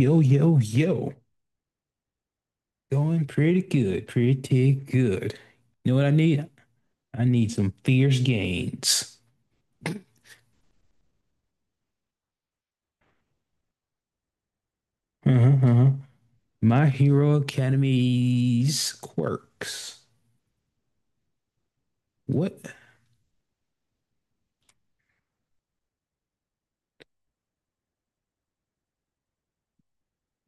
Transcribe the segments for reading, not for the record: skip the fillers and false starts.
Yo, yo, yo. Going pretty good, pretty good. You know what I need? I need some fierce gains. Uh-huh, uh-huh. My Hero Academy's quirks. What? Wait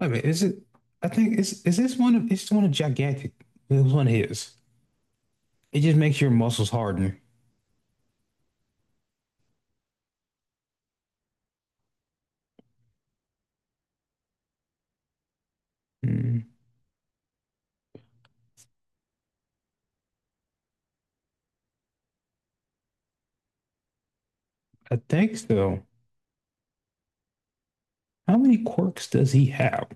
a minute, is it? I think is this one of it's one of gigantic. It was one of his. It just makes your muscles harden. Hmm, I think so. How many quirks does he have?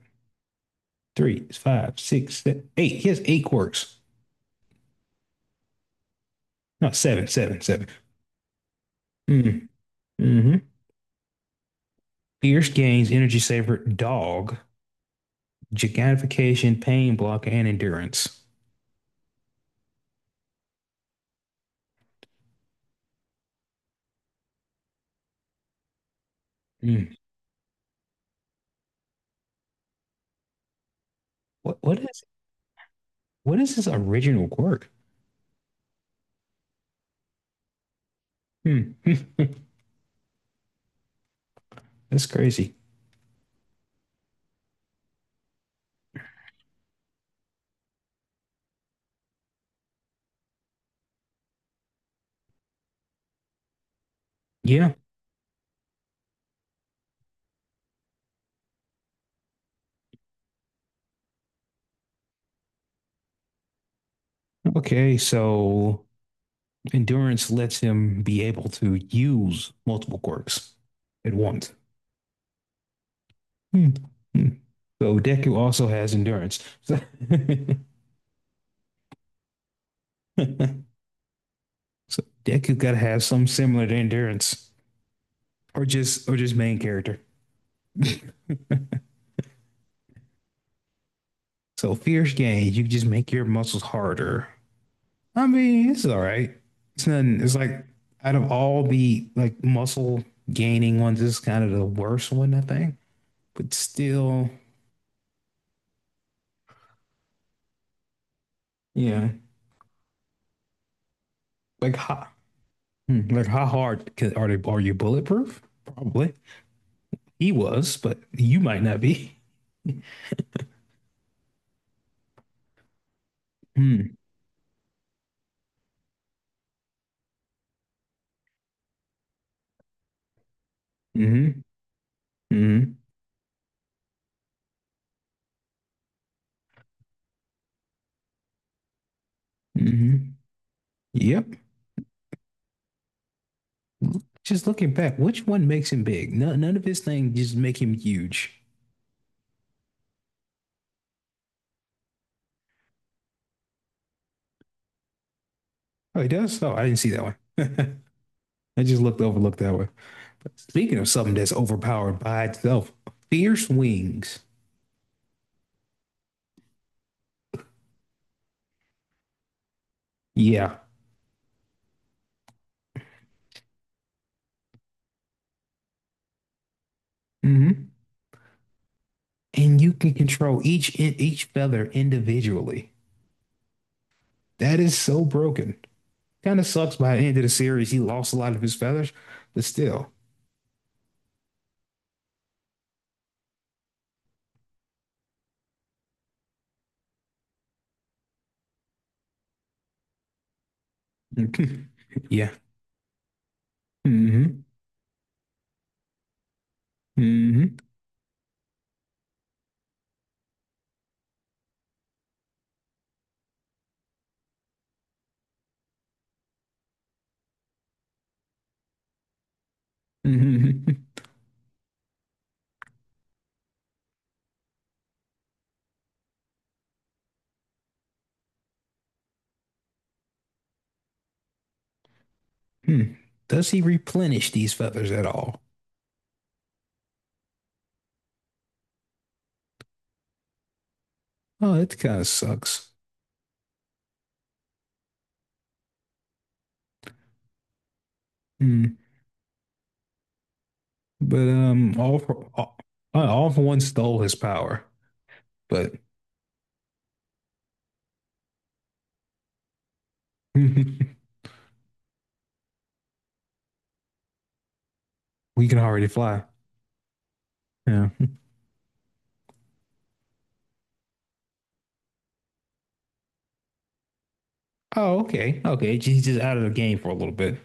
Three, five, six, eight. He has eight quirks. No, seven, seven, seven. Mm, mhm. Pierce gains energy saver, dog, gigantification, pain block, and endurance. Hmm. What what is what is his original quirk? Hmm. That's crazy. Yeah. Okay. So endurance lets him be able to use multiple quirks at once. Hmm. Hmm. So Deku also has endurance. So, so Deku gotta have some similar to endurance, or just main character. So fierce gains, you just make your muscles harder. I mean, it's all right. It's nothing. It's like out of all the like muscle gaining ones, this is kind of the worst one, I think. But still, yeah. Like how, hmm, like how hard can, are they? Are you bulletproof? Probably. He was, but you might not be. Hmm. Hmm. Hmm. Hmm. Yep. Just looking back, which one makes him big? None, none of his things just make him huge. Oh, he does? Oh, I didn't see that one. It just looked overlooked that way. But speaking of something that's overpowered by itself, fierce wings. Yeah. Mm-hmm. And you can control each feather individually. That is so broken. Kind of sucks by the end of the series. He lost a lot of his feathers, but still. yeah. Mm-hmm. Mm-hmm. Mm-hmm. Hmm. Does he replenish these feathers at all? Oh, that kind of sucks. Hmm. But all for all, all for one stole his power. But we can already fly. Yeah. Oh, okay. Okay. He's just out of the game for a little bit.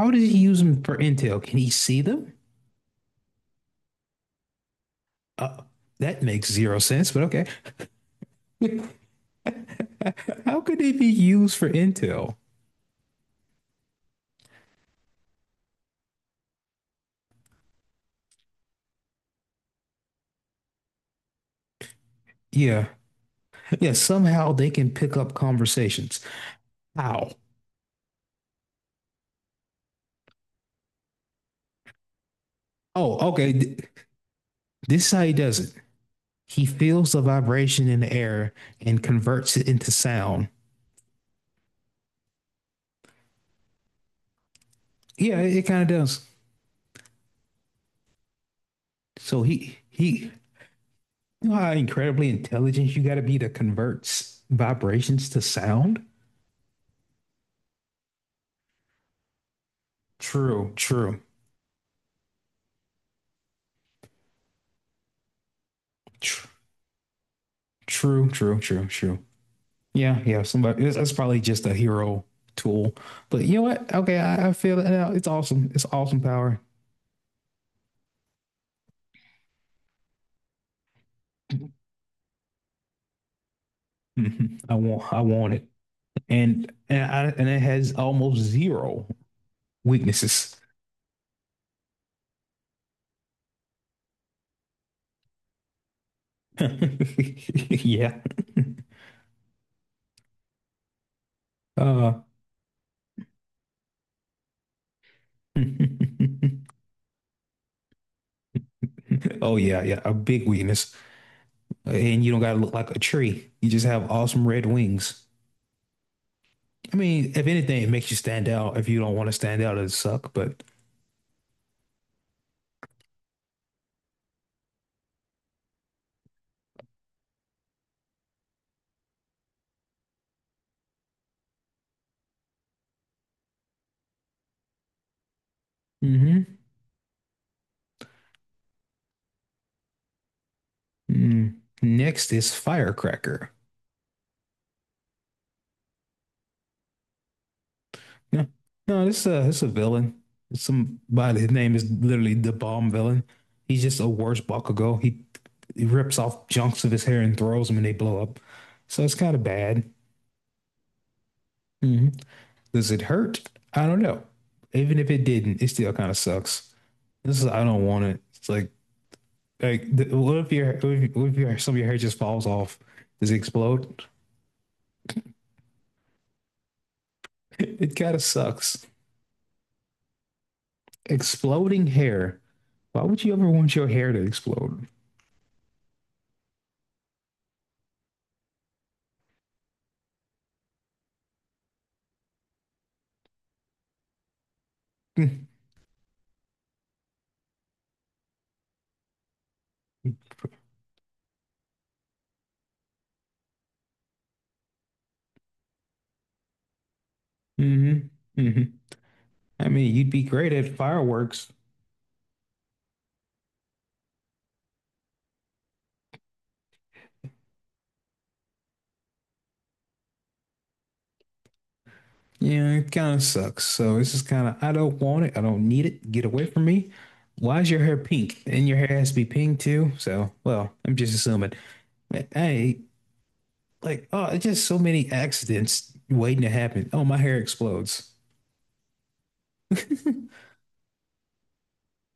How does he use them for intel? Can he see them? Uh, that makes zero sense, but okay. How could they be used for intel? Yeah. Yeah. Somehow they can pick up conversations. How? Oh, okay. This is how he does it. He feels the vibration in the air and converts it into sound. Yeah, it kind of does. So he you know how incredibly intelligent you got to be to convert vibrations to sound? True, true, tr- true, true, true, true. Yeah, yeah. Somebody that's probably just a hero tool. But you know what? Okay, I feel it now. It's awesome. It's awesome power. Mhm. I want it. And and it has almost zero weaknesses. Yeah. Uh oh yeah, yeah. A big weakness. And you don't gotta look like a tree. You just have awesome red wings. I mean, if anything, it makes you stand out. If you don't want to stand out, it suck. But mm-hmm. Mm. Next is Firecracker. No, no, this is a villain. Somebody. His name is literally the bomb villain. He's just a worse Bakugo. He rips off chunks of his hair and throws them, and they blow up. So it's kind of bad. Mm-hmm. Does it hurt? I don't know. Even if it didn't, it still kind of sucks. This is I don't want it. It's like, what if your what if your, some of your hair just falls off? Does it explode? It kind of sucks. Exploding hair. Why would you ever want your hair to explode? hmm hmm I mean, you'd be great at fireworks. Yeah, it kind of sucks. So it's just kind of, I don't want it. I don't need it. Get away from me. Why is your hair pink? And your hair has to be pink too. So, well, I'm just assuming. Hey, like, oh, it's just so many accidents waiting to happen. Oh, my hair explodes.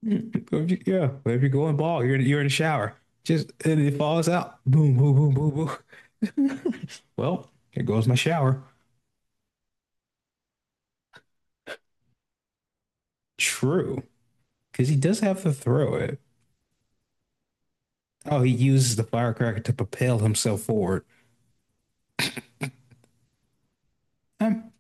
Mm, yeah, if you're going bald, you're in the shower. Just and it falls out. Boom, boom, boom, boom, boom. Well, here goes my shower. True, because he does have to throw it. Oh, he uses the firecracker to propel himself forward. Um,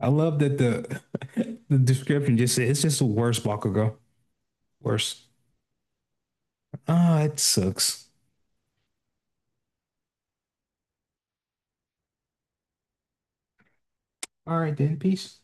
I love that the the description just said it's just the worst Bakugo. Worst. Ah, it sucks. All right then, peace.